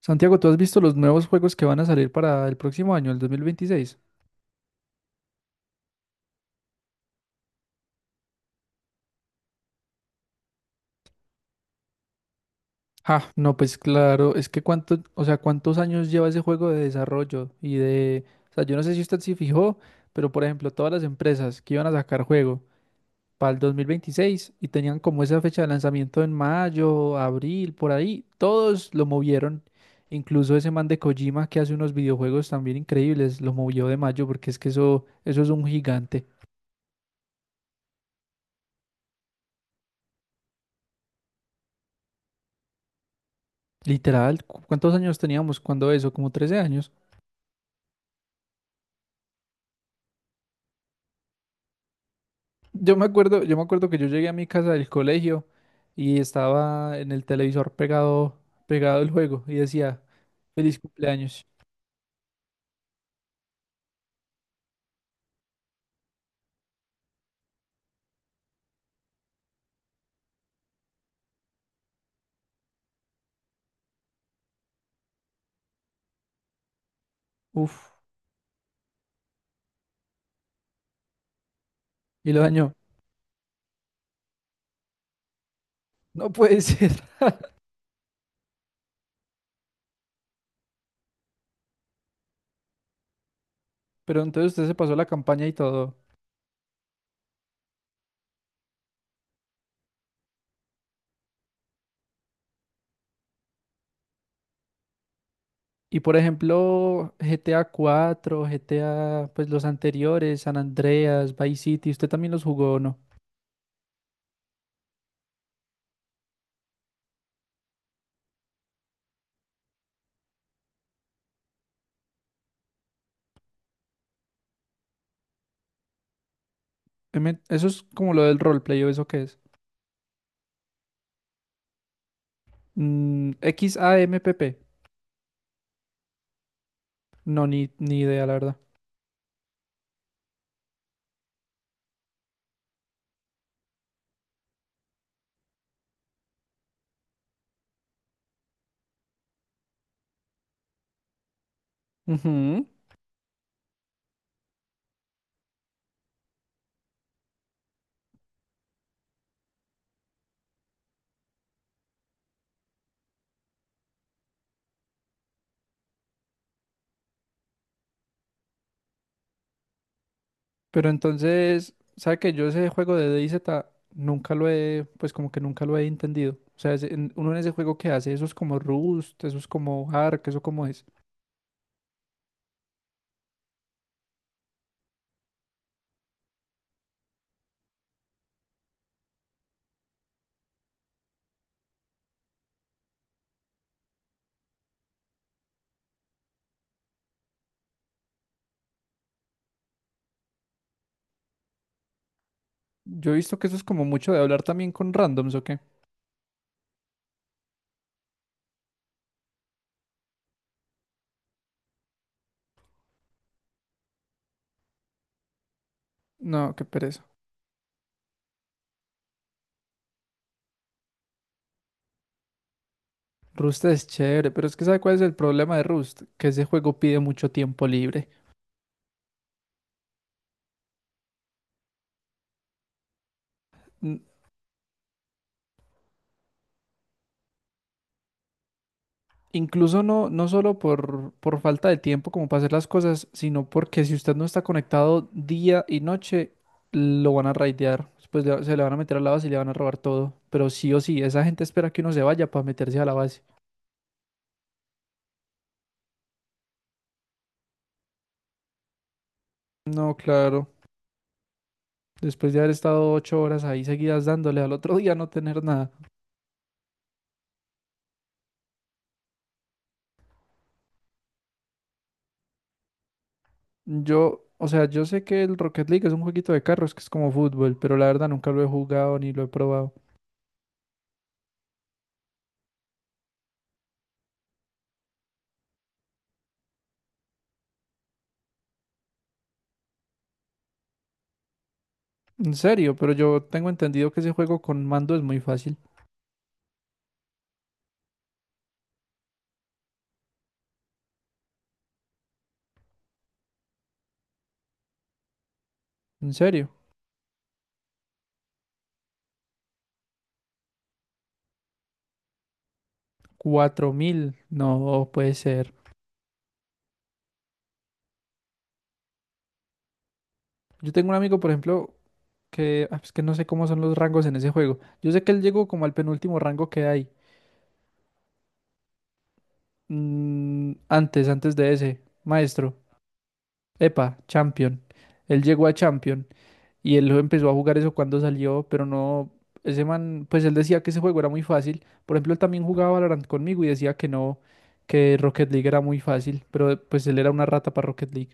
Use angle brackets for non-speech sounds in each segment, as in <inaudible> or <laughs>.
Santiago, ¿tú has visto los nuevos juegos que van a salir para el próximo año, el 2026? Ah, no, pues claro, es que cuánto, o sea, cuántos años lleva ese juego de desarrollo y de, o sea, yo no sé si usted se fijó, pero por ejemplo, todas las empresas que iban a sacar juego para el 2026 y tenían como esa fecha de lanzamiento en mayo, abril, por ahí, todos lo movieron. Incluso ese man de Kojima que hace unos videojuegos también increíbles, lo movió de mayo porque es que eso es un gigante. Literal, ¿cuántos años teníamos cuando eso? Como 13 años. Yo me acuerdo que yo llegué a mi casa del colegio y estaba en el televisor pegado el juego y decía, feliz cumpleaños. Uf, y lo dañó. No puede ser. <laughs> Pero entonces usted se pasó la campaña y todo. Y por ejemplo, GTA 4, GTA, pues los anteriores, San Andreas, Vice City, ¿usted también los jugó o no? Eso es como lo del roleplay, ¿o eso qué es? Mm, XAMPP. No, ni idea, la verdad. Ujú. Pero entonces, ¿sabe que yo ese juego de DayZ nunca lo he, pues como que nunca lo he entendido? O sea, uno en ese juego que hace, eso es como Rust, eso es como Ark, eso como es. Yo he visto que eso es como mucho de hablar también con randoms, ¿o qué? No, qué pereza. Rust es chévere, pero es que ¿sabe cuál es el problema de Rust? Que ese juego pide mucho tiempo libre. Incluso no solo por falta de tiempo como para hacer las cosas, sino porque si usted no está conectado día y noche, lo van a raidear. Se le van a meter a la base y le van a robar todo. Pero sí o sí, esa gente espera que uno se vaya para meterse a la base. No, claro. Después de haber estado 8 horas ahí seguidas dándole al otro <laughs> día no tener nada. Yo, o sea, yo sé que el Rocket League es un jueguito de carros que es como fútbol, pero la verdad nunca lo he jugado ni lo he probado. En serio, pero yo tengo entendido que ese juego con mando es muy fácil. En serio. 4.000, no puede ser. Yo tengo un amigo, por ejemplo, que ah, es que no sé cómo son los rangos en ese juego. Yo sé que él llegó como al penúltimo rango que hay. Mm, antes de ese, maestro. Epa, champion. Él llegó a champion y él empezó a jugar eso cuando salió, pero no. Ese man, pues él decía que ese juego era muy fácil. Por ejemplo, él también jugaba Valorant conmigo y decía que no, que Rocket League era muy fácil, pero pues él era una rata para Rocket League.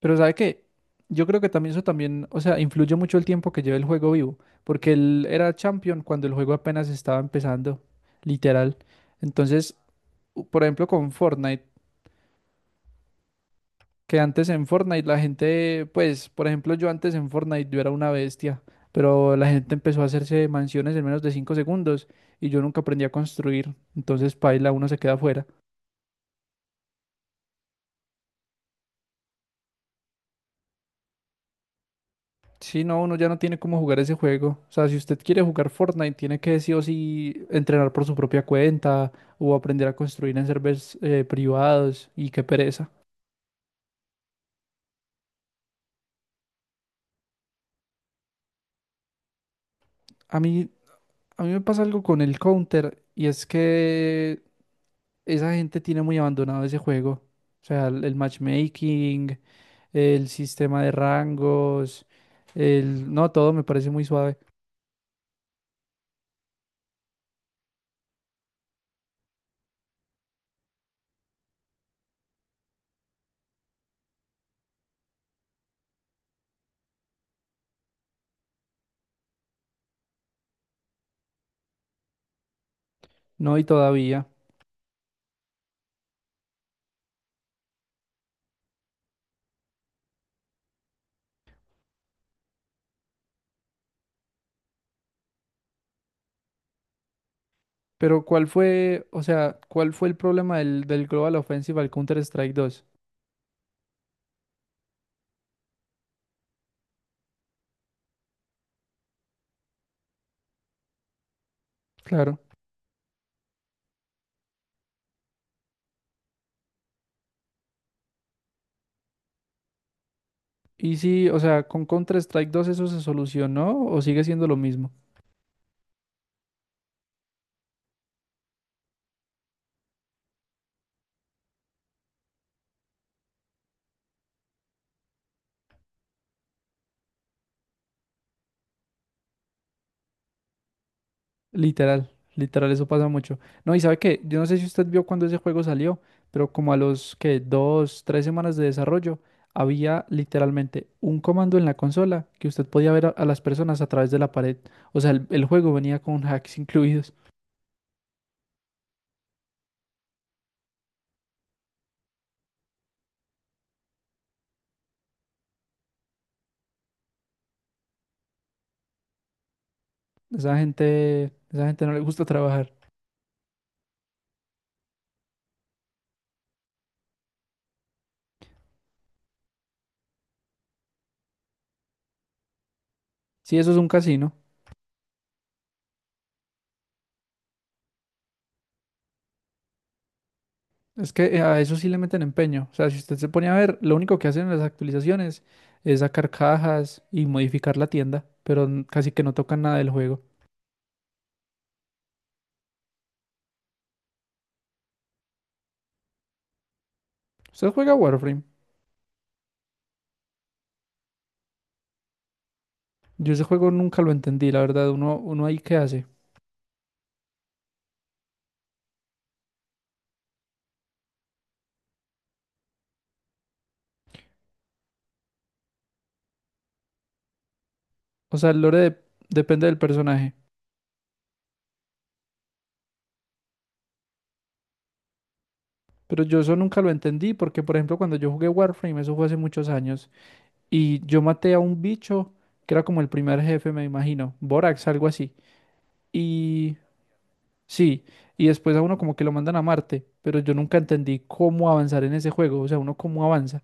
Pero sabe que yo creo que también eso también, o sea, influye mucho el tiempo que lleva el juego vivo, porque él era champion cuando el juego apenas estaba empezando, literal. Entonces, por ejemplo, con Fortnite, que antes en Fortnite la gente, pues, por ejemplo, yo antes en Fortnite yo era una bestia, pero la gente empezó a hacerse mansiones en menos de 5 segundos y yo nunca aprendí a construir, entonces paila, uno se queda fuera. Sí, no, uno ya no tiene cómo jugar ese juego. O sea, si usted quiere jugar Fortnite, tiene que sí o sí entrenar por su propia cuenta o aprender a construir en servers privados y qué pereza. A mí, a mí me pasa algo con el Counter y es que esa gente tiene muy abandonado ese juego. O sea, el matchmaking, el sistema de rangos, el... No, todo me parece muy suave. No, y todavía. Pero ¿cuál fue, o sea, cuál fue el problema del Global Offensive al Counter-Strike 2? Claro. Y sí, o sea, con Counter-Strike 2 eso se solucionó o sigue siendo lo mismo. Literal, literal, eso pasa mucho. No, y sabe qué, yo no sé si usted vio cuando ese juego salió, pero como a los que dos, tres semanas de desarrollo, había literalmente un comando en la consola que usted podía ver a las personas a través de la pared. O sea, el juego venía con <laughs> hacks incluidos. Esa gente, esa gente no le gusta trabajar. Sí, eso es un casino. Es que a eso sí le meten empeño. O sea, si usted se pone a ver, lo único que hacen en las actualizaciones es sacar cajas y modificar la tienda, pero casi que no tocan nada del juego. ¿Usted juega Warframe? Yo ese juego nunca lo entendí, la verdad. Uno ahí qué hace. O sea, depende del personaje. Pero yo eso nunca lo entendí porque, por ejemplo, cuando yo jugué Warframe, eso fue hace muchos años, y yo maté a un bicho que era como el primer jefe, me imagino, Borax, algo así. y Sí, y después a uno como que lo mandan a Marte, pero yo nunca entendí cómo avanzar en ese juego, o sea, uno cómo avanza.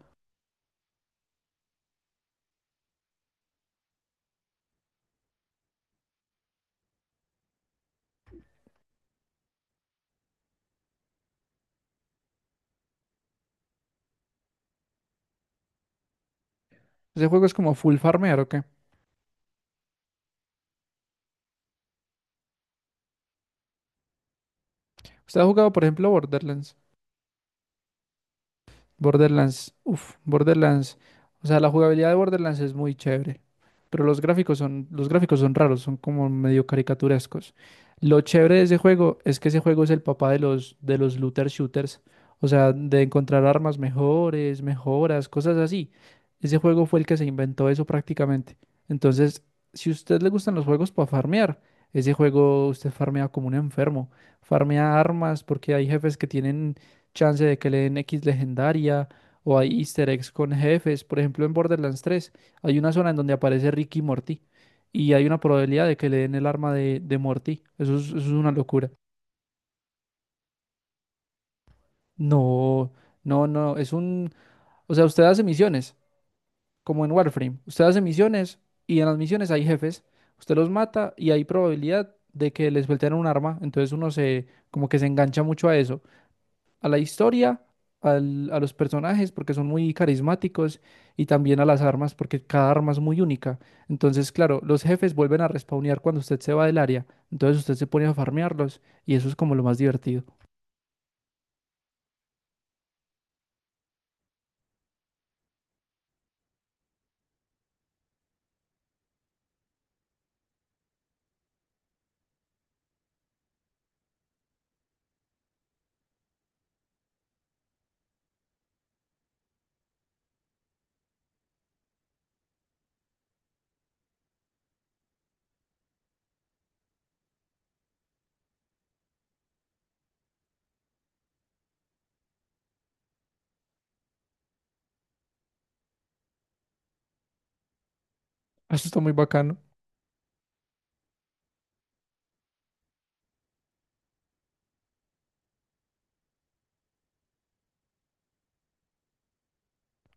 Ese juego es como full farmear, ¿o qué? ¿Usted ha jugado, por ejemplo, Borderlands? Borderlands, o sea, la jugabilidad de Borderlands es muy chévere, pero los gráficos son raros, son como medio caricaturescos. Lo chévere de ese juego es que ese juego es el papá de de los looter shooters, o sea, de encontrar armas mejores, mejoras, cosas así. Ese juego fue el que se inventó eso prácticamente. Entonces, si a usted le gustan los juegos para farmear, ese juego usted farmea como un enfermo, farmea armas porque hay jefes que tienen chance de que le den X legendaria o hay easter eggs con jefes. Por ejemplo, en Borderlands 3 hay una zona en donde aparece Ricky y Morty y hay una probabilidad de que le den el arma de Morty. Eso es una locura. No, no, es un... O sea, usted hace misiones, como en Warframe. Usted hace misiones y en las misiones hay jefes. Usted los mata y hay probabilidad de que les suelten un arma. Entonces uno se, como que se engancha mucho a eso, a la historia, a los personajes porque son muy carismáticos y también a las armas porque cada arma es muy única. Entonces, claro, los jefes vuelven a respawnear cuando usted se va del área. Entonces usted se pone a farmearlos y eso es como lo más divertido. <laughs> Eso está muy bacano,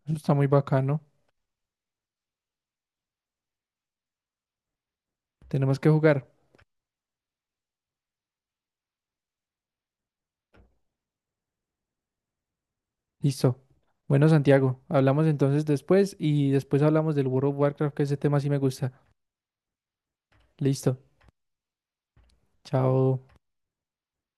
eso está muy bacano. Tenemos que jugar. Listo. Bueno, Santiago, hablamos entonces después y después hablamos del World of Warcraft, que ese tema sí me gusta. Listo. Chao.